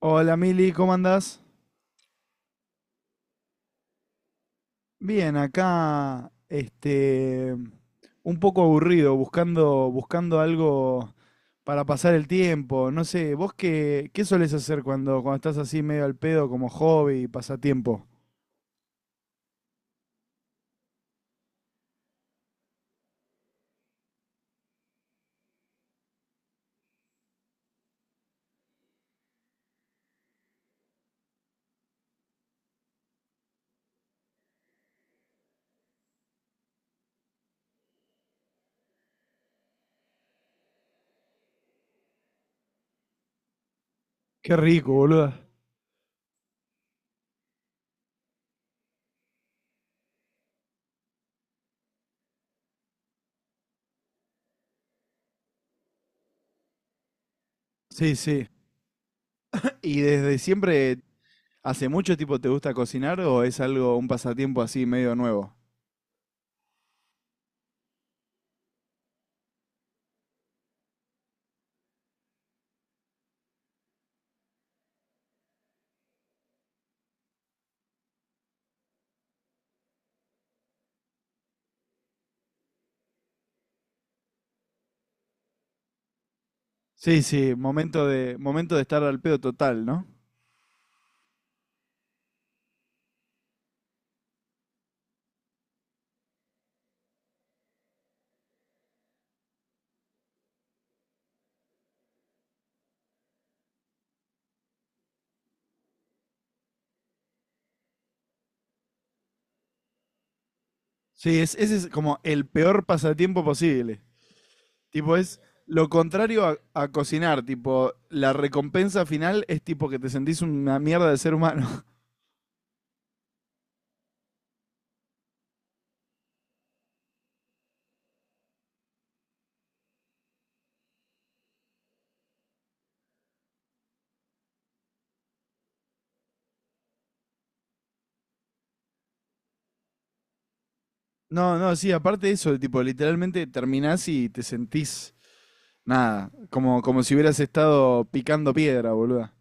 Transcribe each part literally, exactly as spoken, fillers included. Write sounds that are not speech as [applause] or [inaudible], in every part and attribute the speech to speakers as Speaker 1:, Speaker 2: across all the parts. Speaker 1: Hola Mili, ¿cómo andás? Bien, acá, este, un poco aburrido, buscando, buscando algo para pasar el tiempo. No sé, ¿vos qué, qué solés hacer cuando, cuando estás así medio al pedo como hobby, pasatiempo? Qué rico, boludo. Sí, sí. ¿Y desde siempre, hace mucho tiempo te gusta cocinar o es algo, un pasatiempo así medio nuevo? Sí, sí, momento de, momento de estar al pedo total, ¿no? Sí, es, ese es como el peor pasatiempo posible. Tipo, es lo contrario a, a cocinar. Tipo, la recompensa final es tipo que te sentís una mierda de ser humano. [laughs] No, no, sí, aparte de eso, tipo, literalmente terminás y te sentís nada. Como, como si hubieras estado picando piedra, boluda.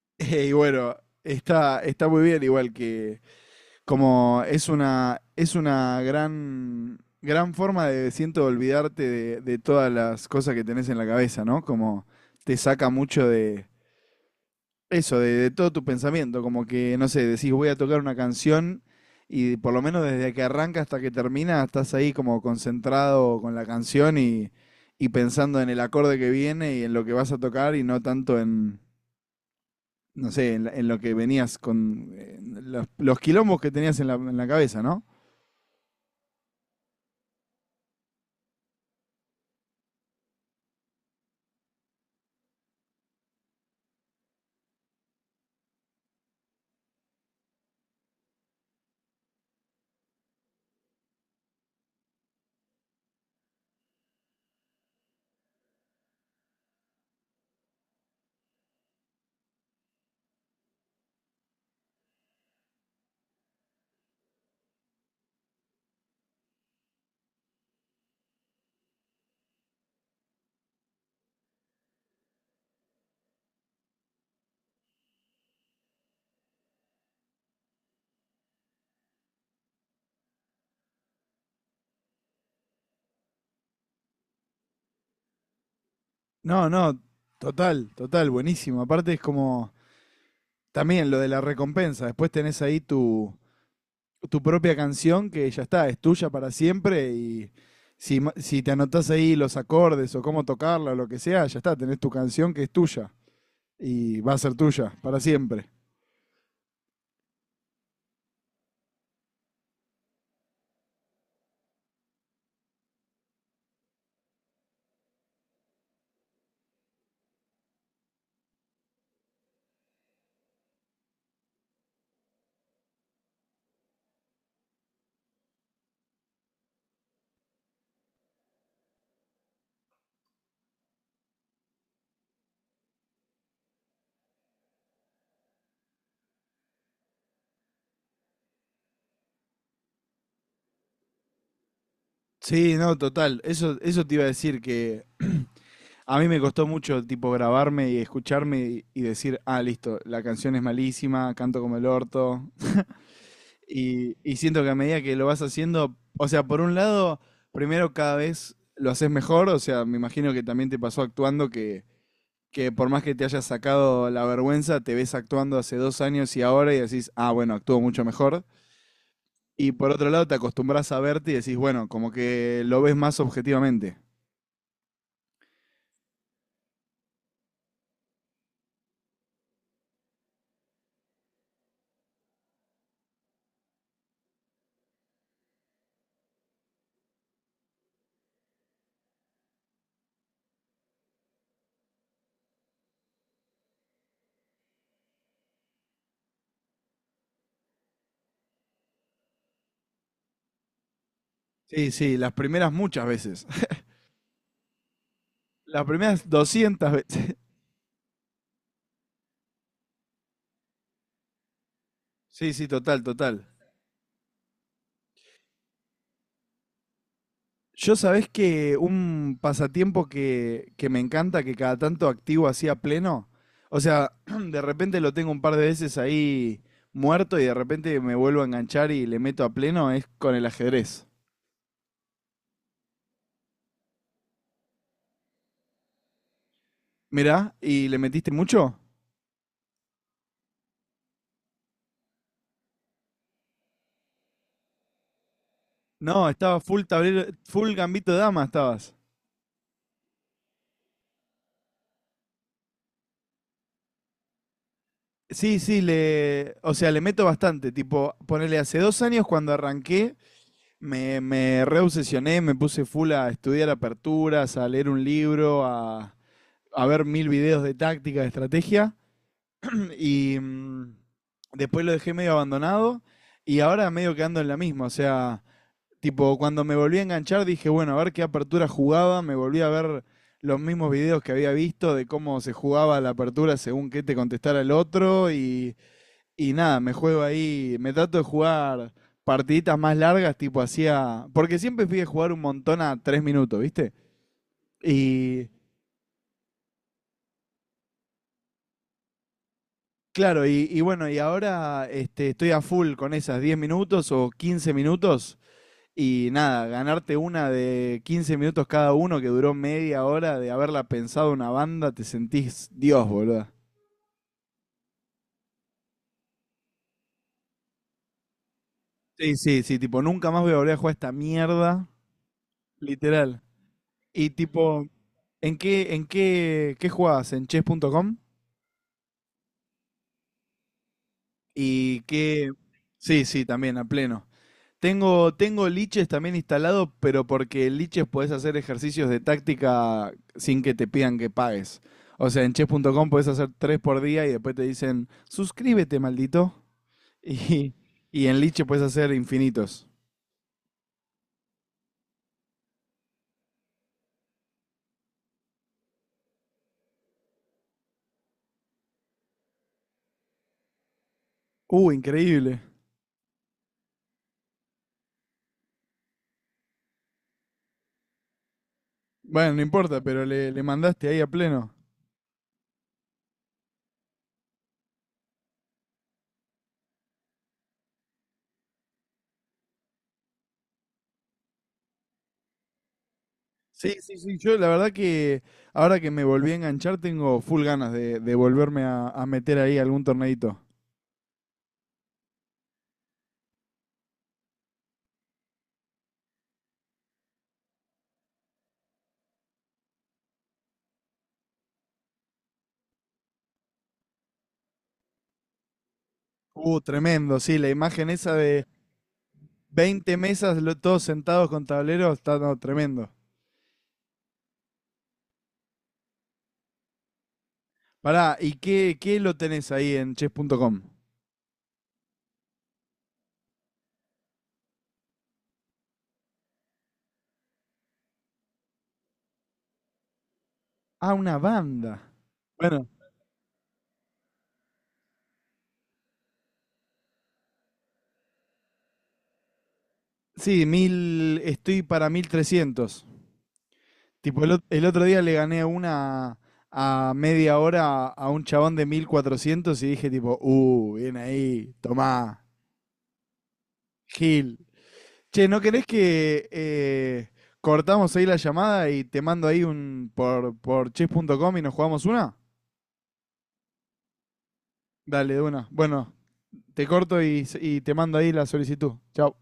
Speaker 1: [laughs] Y bueno, está, está muy bien igual que, como es una, es una gran, gran forma de, siento, olvidarte de, de todas las cosas que tenés en la cabeza, ¿no? Como te saca mucho de eso, de, de todo tu pensamiento, como que, no sé, decís voy a tocar una canción y por lo menos desde que arranca hasta que termina estás ahí como concentrado con la canción y, y pensando en el acorde que viene y en lo que vas a tocar y no tanto en, no sé, en, la- en lo que venías con eh, los, los quilombos que tenías en la, en la cabeza, ¿no? No, no, total, total, buenísimo. Aparte es como también lo de la recompensa. Después tenés ahí tu, tu propia canción que ya está, es tuya para siempre y si, ma- si te anotás ahí los acordes o cómo tocarla o lo que sea, ya está, tenés tu canción que es tuya y va a ser tuya para siempre. Sí, no, total. Eso, eso te iba a decir que a mí me costó mucho tipo grabarme y escucharme y, y decir, ah, listo, la canción es malísima, canto como el orto. Y, y siento que a medida que lo vas haciendo, o sea, por un lado, primero cada vez lo haces mejor, o sea, me imagino que también te pasó actuando que, que por más que te hayas sacado la vergüenza, te ves actuando hace dos años y ahora y decís, ah, bueno, actúo mucho mejor. Y por otro lado, te acostumbras a verte y decís, bueno, como que lo ves más objetivamente. Sí, sí, las primeras muchas veces. [laughs] Las primeras doscientas veces. [laughs] Sí, sí, total, total. Yo sabés que un pasatiempo que, que me encanta, que cada tanto activo así a pleno, o sea, [clears throat] de repente lo tengo un par de veces ahí muerto y de repente me vuelvo a enganchar y le meto a pleno, es con el ajedrez. Mirá, ¿y le metiste mucho? No, estaba full tablero, full gambito de dama estabas. Sí, sí, le, o sea, le meto bastante, tipo, ponele, hace dos años cuando arranqué, me, me reobsesioné, me puse full a estudiar aperturas, a leer un libro, a a ver mil videos de táctica, de estrategia, y mm, después lo dejé medio abandonado, y ahora medio quedando en la misma, o sea, tipo, cuando me volví a enganchar dije, bueno, a ver qué apertura jugaba, me volví a ver los mismos videos que había visto de cómo se jugaba la apertura según qué te contestara el otro, y, y nada, me juego ahí, me trato de jugar partiditas más largas, tipo hacía. Porque siempre fui a jugar un montón a tres minutos, ¿viste? Y claro, y, y bueno, y ahora este, estoy a full con esas diez minutos o quince minutos y nada, ganarte una de quince minutos cada uno que duró media hora de haberla pensado una banda, te sentís Dios, boludo. Sí, sí, sí, tipo, nunca más voy a volver a jugar esta mierda, literal. Y tipo, ¿en qué, en qué, qué jugabas? ¿En chess punto com? Y qué. Sí, sí, también, a pleno. Tengo, tengo liches también instalado, pero porque en liches podés hacer ejercicios de táctica sin que te pidan que pagues. O sea, en chess punto com podés hacer tres por día y después te dicen, suscríbete, maldito. [laughs] Y, y en liches podés hacer infinitos. Uh, increíble. Bueno, no importa, pero le, le mandaste ahí a pleno. Sí, sí, sí. Yo la verdad que ahora que me volví a enganchar tengo full ganas de, de volverme a, a meter ahí algún torneito. Uh, tremendo, sí, la imagen esa de veinte mesas, lo- todos sentados con tableros, está no, tremendo. Pará, ¿y qué, qué lo tenés ahí en chess punto com? Ah, una banda. Bueno, sí, mil, estoy para mil trescientos. Tipo, el, ot- el otro día le gané una a media hora a un chabón de mil cuatrocientos y dije tipo, uh, bien ahí, tomá, Gil. Che, ¿no querés que eh, cortamos ahí la llamada y te mando ahí un por, por chess punto com y nos jugamos una? Dale, de una. Bueno, te corto y, y te mando ahí la solicitud. Chao.